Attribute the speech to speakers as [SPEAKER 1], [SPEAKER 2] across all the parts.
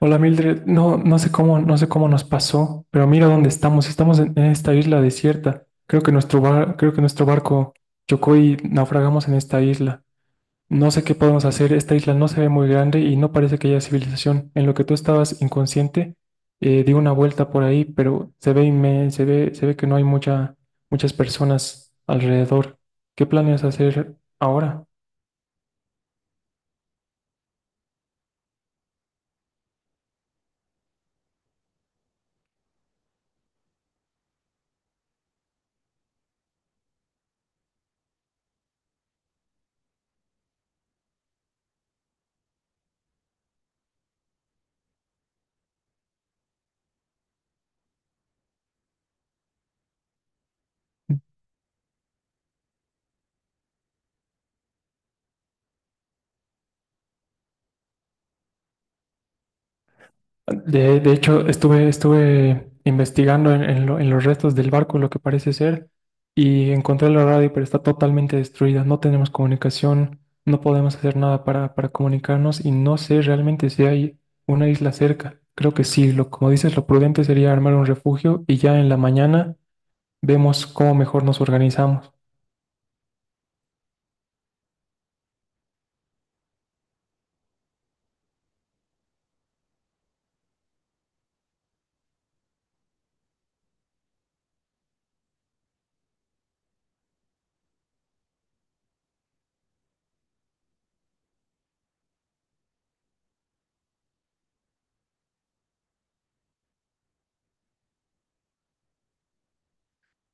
[SPEAKER 1] Hola Mildred, no, no sé cómo nos pasó, pero mira dónde estamos. Estamos en esta isla desierta. Creo que nuestro barco chocó y naufragamos en esta isla. No sé qué podemos hacer. Esta isla no se ve muy grande y no parece que haya civilización. En lo que tú estabas inconsciente, di una vuelta por ahí, pero se ve inme- se ve que no hay muchas personas alrededor. ¿Qué planeas hacer ahora? De hecho, estuve investigando en los restos del barco lo que parece ser y encontré la radio, pero está totalmente destruida. No tenemos comunicación, no podemos hacer nada para comunicarnos y no sé realmente si hay una isla cerca. Creo que sí, lo, como dices, lo prudente sería armar un refugio y ya en la mañana vemos cómo mejor nos organizamos.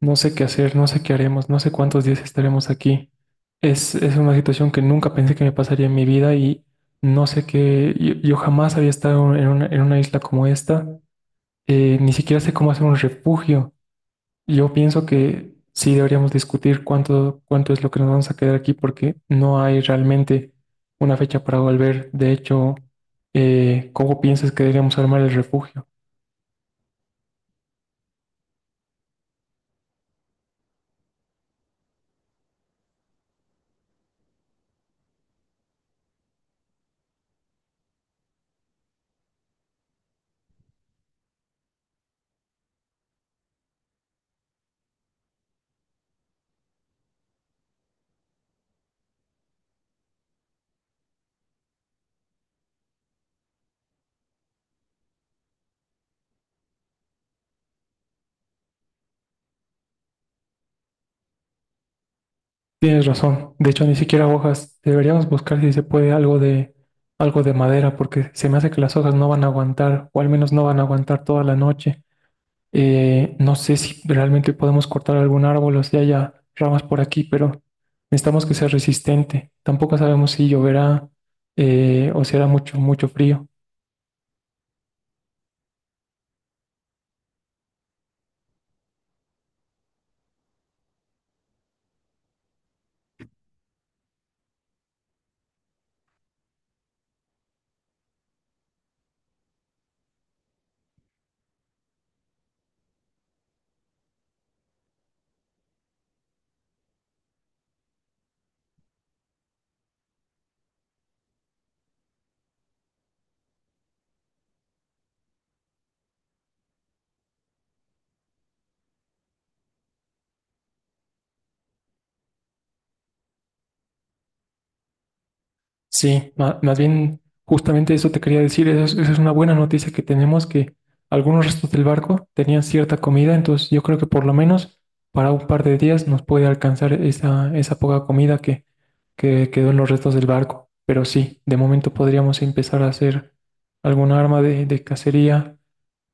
[SPEAKER 1] No sé qué hacer, no sé qué haremos, no sé cuántos días estaremos aquí. Es una situación que nunca pensé que me pasaría en mi vida y no sé qué, yo jamás había estado en una isla como esta. Ni siquiera sé cómo hacer un refugio. Yo pienso que sí deberíamos discutir cuánto es lo que nos vamos a quedar aquí porque no hay realmente una fecha para volver. De hecho, ¿cómo piensas que deberíamos armar el refugio? Tienes razón. De hecho, ni siquiera hojas. Deberíamos buscar si se puede algo de madera, porque se me hace que las hojas no van a aguantar, o al menos no van a aguantar toda la noche. No sé si realmente podemos cortar algún árbol o si haya ramas por aquí, pero necesitamos que sea resistente. Tampoco sabemos si lloverá, o si hará mucho frío. Sí, más bien justamente eso te quería decir, esa es una buena noticia que tenemos, que algunos restos del barco tenían cierta comida, entonces yo creo que por lo menos para un par de días nos puede alcanzar esa poca comida que quedó en los restos del barco. Pero sí, de momento podríamos empezar a hacer alguna arma de cacería,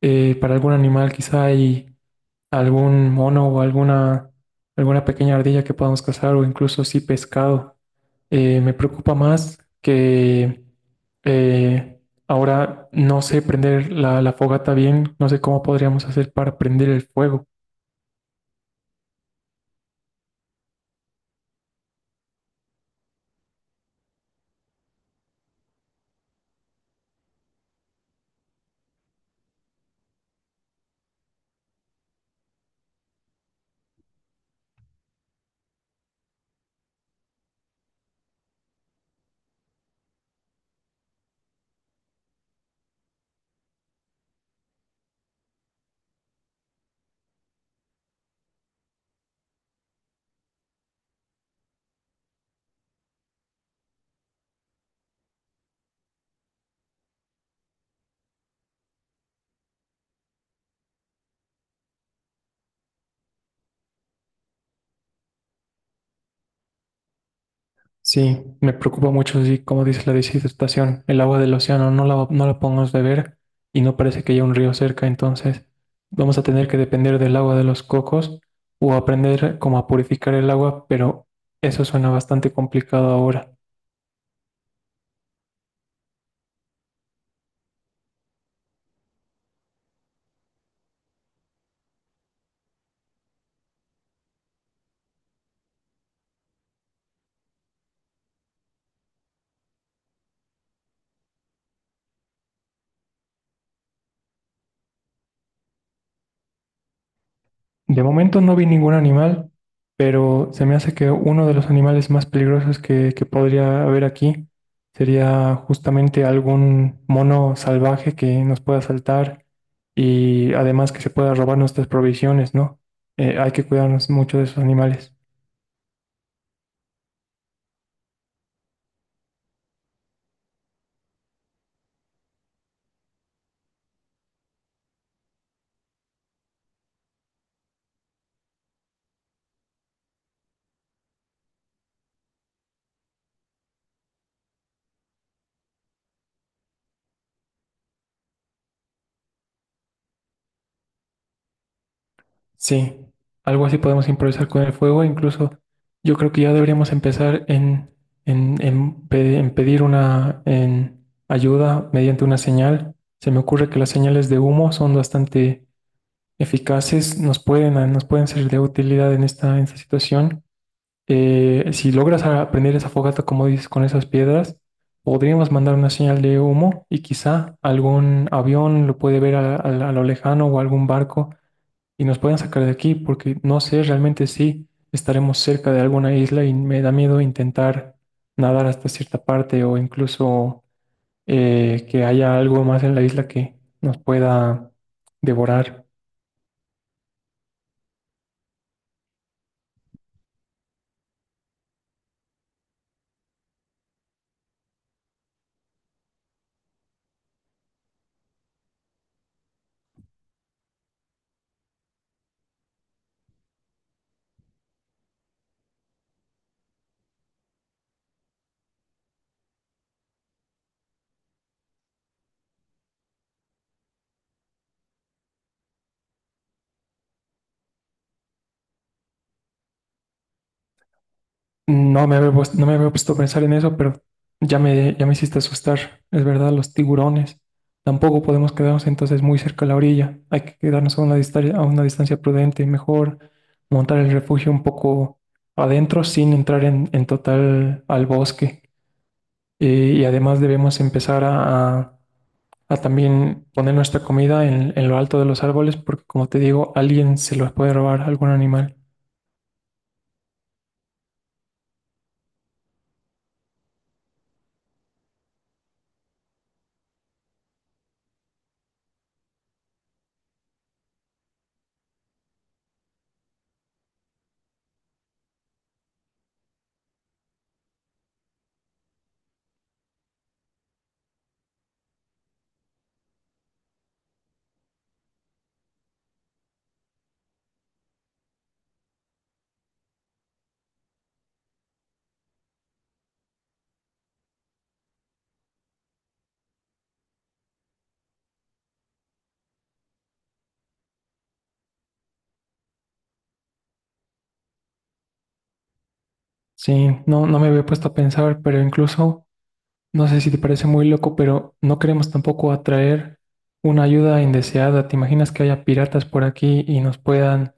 [SPEAKER 1] para algún animal, quizá hay algún mono o alguna pequeña ardilla que podamos cazar o incluso sí pescado. Me preocupa más que eh, Ahora no sé prender la fogata bien, no sé cómo podríamos hacer para prender el fuego. Sí, me preocupa mucho, sí, como dice la deshidratación, el agua del océano no la podemos beber y no parece que haya un río cerca, entonces vamos a tener que depender del agua de los cocos o aprender cómo a purificar el agua, pero eso suena bastante complicado ahora. De momento no vi ningún animal, pero se me hace que uno de los animales más peligrosos que podría haber aquí sería justamente algún mono salvaje que nos pueda saltar y además que se pueda robar nuestras provisiones, ¿no? Hay que cuidarnos mucho de esos animales. Sí, algo así podemos improvisar con el fuego. Incluso yo creo que ya deberíamos empezar en pedir una en ayuda mediante una señal. Se me ocurre que las señales de humo son bastante eficaces, nos pueden ser de utilidad en esta situación. Si logras aprender esa fogata, como dices, con esas piedras, podríamos mandar una señal de humo y quizá algún avión lo puede ver a lo lejano o algún barco y nos puedan sacar de aquí, porque no sé realmente si estaremos cerca de alguna isla y me da miedo intentar nadar hasta cierta parte o incluso, que haya algo más en la isla que nos pueda devorar. No me había puesto a pensar en eso, pero ya me hiciste asustar. Es verdad, los tiburones. Tampoco podemos quedarnos entonces muy cerca de la orilla. Hay que quedarnos a una a una distancia prudente. Mejor montar el refugio un poco adentro sin entrar en total al bosque. Y además debemos empezar a también poner nuestra comida en lo alto de los árboles porque, como te digo, alguien se los puede robar algún animal. Sí, no, no me había puesto a pensar, pero incluso. No sé si te parece muy loco, pero no queremos tampoco atraer una ayuda indeseada. ¿Te imaginas que haya piratas por aquí y nos puedan,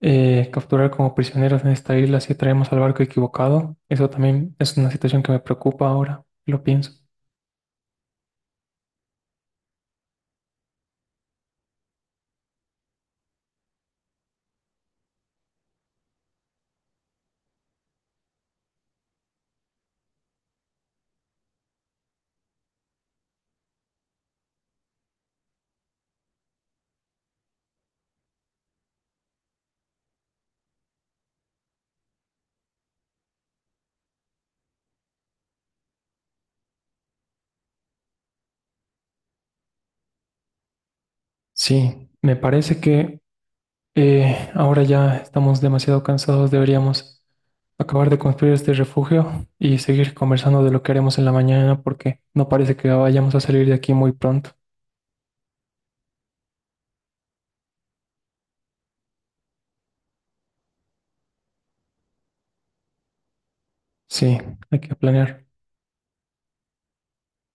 [SPEAKER 1] capturar como prisioneros en esta isla si traemos al barco equivocado? Eso también es una situación que me preocupa ahora, lo pienso. Sí, me parece que, ahora ya estamos demasiado cansados, deberíamos acabar de construir este refugio y seguir conversando de lo que haremos en la mañana porque no parece que vayamos a salir de aquí muy pronto. Sí, hay que planear.